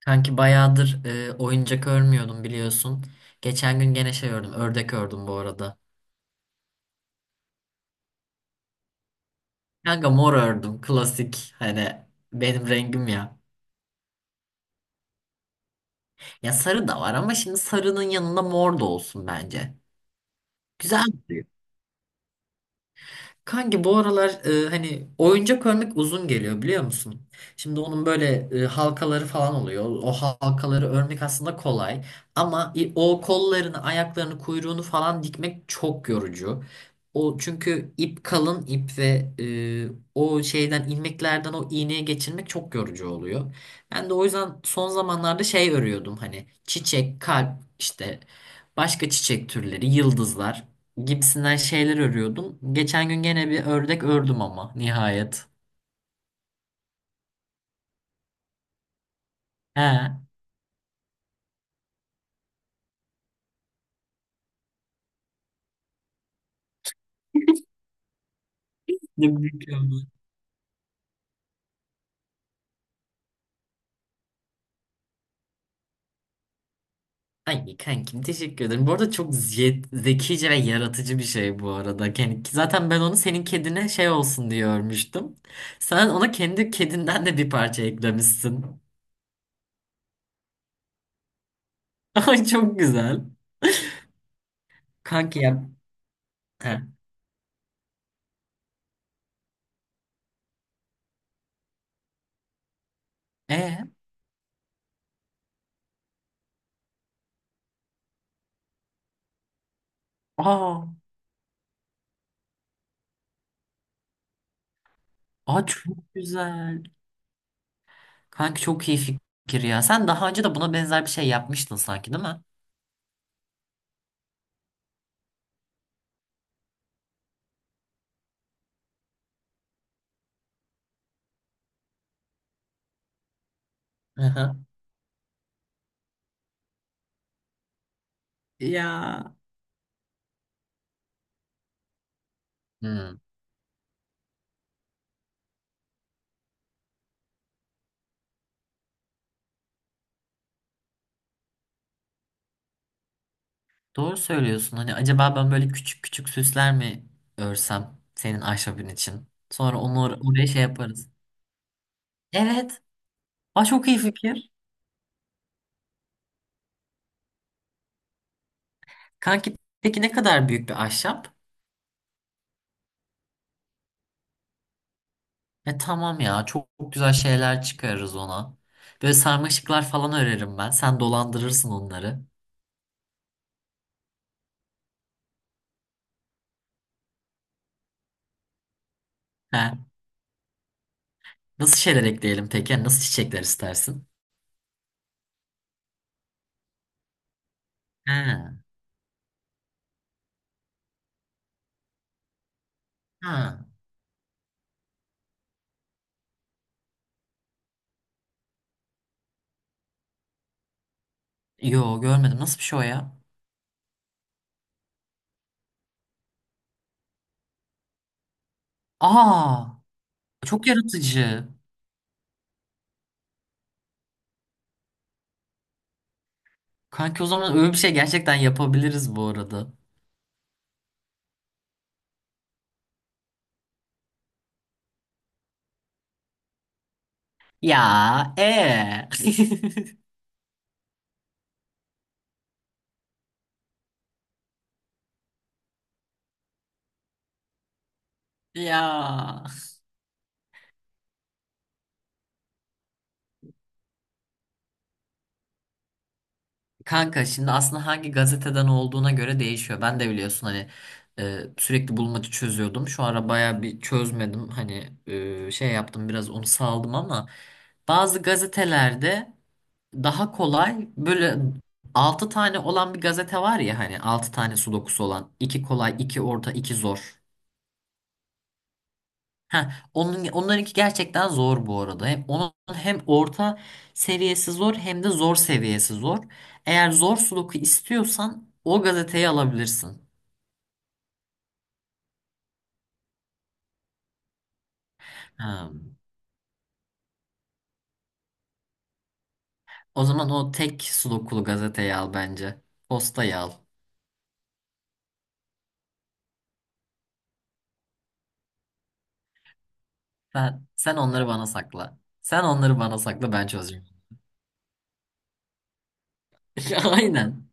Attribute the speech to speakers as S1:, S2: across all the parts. S1: Kanki bayağıdır oyuncak örmüyordum biliyorsun. Geçen gün gene şey ördüm. Ördek ördüm bu arada. Kanka mor ördüm. Klasik. Hani benim rengim ya. Ya sarı da var ama şimdi sarının yanında mor da olsun bence. Güzel. Kanki bu aralar hani oyuncak örmek uzun geliyor biliyor musun? Şimdi onun böyle halkaları falan oluyor. O halkaları örmek aslında kolay ama o kollarını, ayaklarını, kuyruğunu falan dikmek çok yorucu. O çünkü ip kalın ip ve o şeyden ilmeklerden o iğneye geçirmek çok yorucu oluyor. Ben de o yüzden son zamanlarda şey örüyordum hani çiçek, kalp işte başka çiçek türleri, yıldızlar gibisinden şeyler örüyordum. Geçen gün gene bir ördek ördüm ama nihayet. He. Ne mükemmel. Ay kankim teşekkür ederim. Bu arada çok zekice ve yaratıcı bir şey bu arada. Yani zaten ben onu senin kedine şey olsun diye örmüştüm. Sen ona kendi kedinden de bir parça eklemişsin. Ay çok güzel. Kanki ya. He. E? Aa, aa çok güzel. Kanki çok iyi fikir ya. Sen daha önce de buna benzer bir şey yapmıştın sanki değil mi? Aha. Ya. Hmm. Doğru söylüyorsun. Hani acaba ben böyle küçük küçük süsler mi örsem ahşabın için? Sonra onu oraya şey yaparız. Evet. Aa, çok iyi fikir. Kanki peki ne kadar büyük bir ahşap? E tamam ya çok, çok güzel şeyler çıkarırız ona. Böyle sarmaşıklar falan örerim ben. Sen dolandırırsın onları. He. Nasıl şeyler ekleyelim peki? Yani nasıl çiçekler istersin? He. Ha. Yo görmedim. Nasıl bir şey o ya? Aa çok yaratıcı. Kanki o zaman öyle bir şey gerçekten yapabiliriz bu arada. Ya ya. Kanka şimdi aslında hangi gazeteden olduğuna göre değişiyor. Ben de biliyorsun hani sürekli bulmaca çözüyordum. Şu ara baya bir çözmedim. Hani şey yaptım biraz onu saldım ama bazı gazetelerde daha kolay böyle 6 tane olan bir gazete var ya hani 6 tane sudokusu olan 2 kolay 2 orta 2 zor. Ha, onlarınki gerçekten zor bu arada. Hem onun hem orta seviyesi zor hem de zor seviyesi zor. Eğer zor sudoku istiyorsan o gazeteyi alabilirsin. Ha, o zaman o tek sudokulu gazeteyi al bence. Postayı al. Sen onları bana sakla. Sen onları bana sakla ben çözeceğim. Aynen.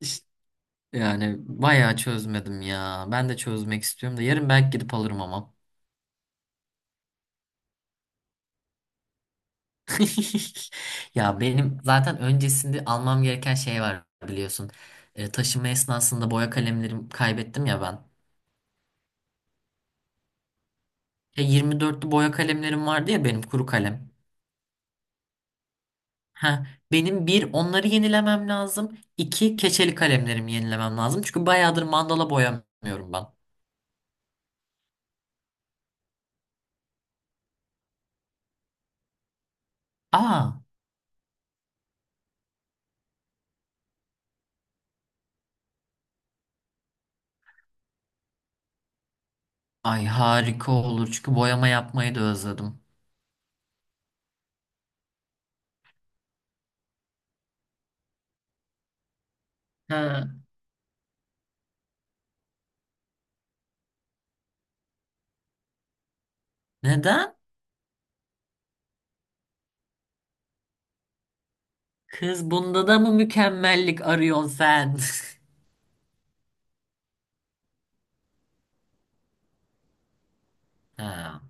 S1: İşte yani bayağı çözmedim ya. Ben de çözmek istiyorum da yarın belki gidip alırım ama. Ya benim zaten öncesinde almam gereken şey var biliyorsun. Taşıma esnasında boya kalemlerimi kaybettim ya ben. 24'lü boya kalemlerim vardı ya benim kuru kalem. Ha, benim bir onları yenilemem lazım. İki keçeli kalemlerimi yenilemem lazım. Çünkü bayağıdır mandala boyamıyorum ben. Aa, ay harika olur çünkü boyama yapmayı da özledim. Ha, neden? Kız bunda da mı mükemmellik arıyorsun sen? Ha.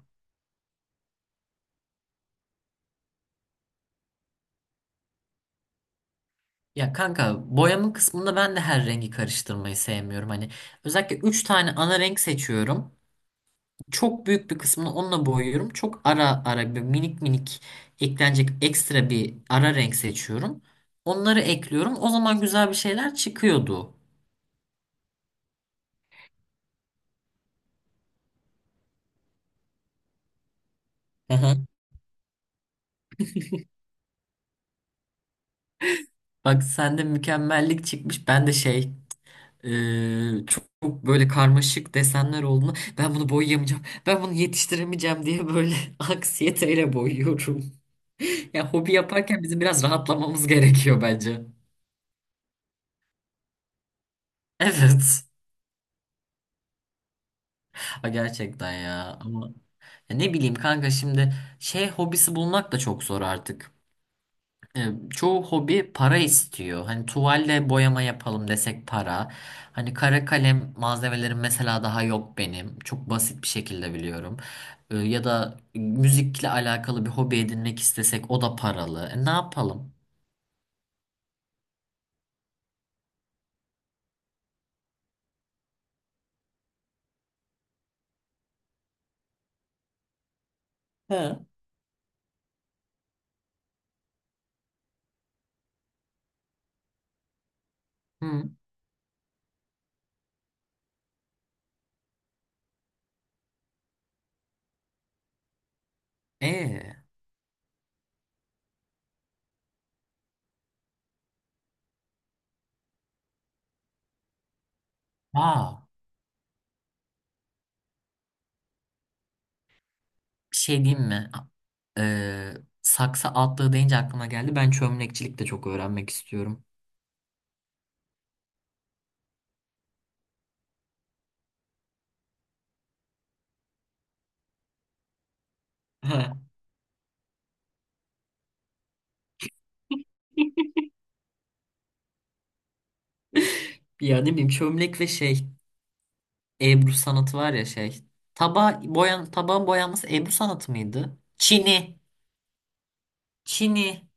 S1: Ya kanka boyama kısmında ben de her rengi karıştırmayı sevmiyorum. Hani özellikle 3 tane ana renk seçiyorum. Çok büyük bir kısmını onunla boyuyorum. Çok ara ara bir minik minik eklenecek ekstra bir ara renk seçiyorum. Onları ekliyorum. O zaman güzel bir şeyler çıkıyordu. Hı hı. Bak sende mükemmellik çıkmış. Ben de şey çok, çok böyle karmaşık desenler olduğunu ben bunu boyayamayacağım. Ben bunu yetiştiremeyeceğim diye böyle aksiyeteyle boyuyorum. Ya hobi yaparken bizim biraz rahatlamamız gerekiyor bence. Evet. Ha, gerçekten ya. Ama ya ne bileyim kanka şimdi şey hobisi bulmak da çok zor artık. E, Çoğu hobi para istiyor. Hani tuvalle boyama yapalım desek para. Hani kara kalem malzemelerim mesela daha yok benim. Çok basit bir şekilde biliyorum. Ya da müzikle alakalı bir hobi edinmek istesek o da paralı. Ne yapalım? He. Hı. E. Aa. Bir şey diyeyim mi? Ee, Saksı atlığı deyince aklıma geldi. Ben çömlekçilik de çok öğrenmek istiyorum. Ha. Ya ne bileyim çömlek ve şey Ebru sanatı var ya şey. Tabağın boyanması Ebru sanatı mıydı? Çini. Çini.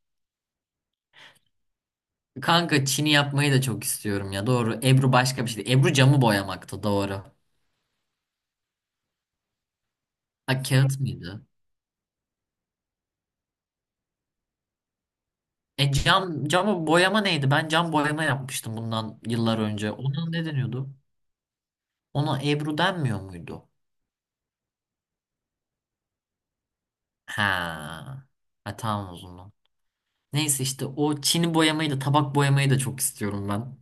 S1: Kanka çini yapmayı da çok istiyorum ya. Doğru. Ebru başka bir şeydi. Ebru camı boyamaktı. Doğru. Ha kağıt mıydı? Camı boyama neydi? Ben cam boyama yapmıştım bundan yıllar önce. Ona ne deniyordu? Ona Ebru denmiyor muydu? Ha. Ha tamam o zaman. Neyse işte o Çin'i boyamayı da tabak boyamayı da çok istiyorum ben.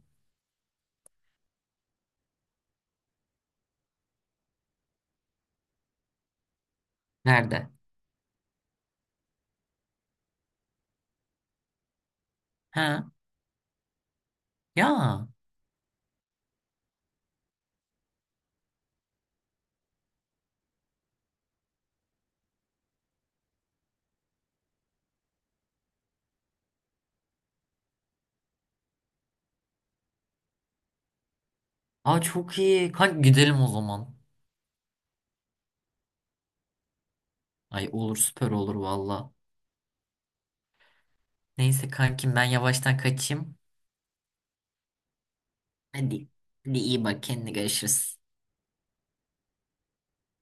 S1: Nerede? Ha. Ya. Aa çok iyi. Kanka gidelim o zaman. Ay olur süper olur valla. Neyse kankim ben yavaştan kaçayım. Hadi. Hadi iyi bak kendine görüşürüz.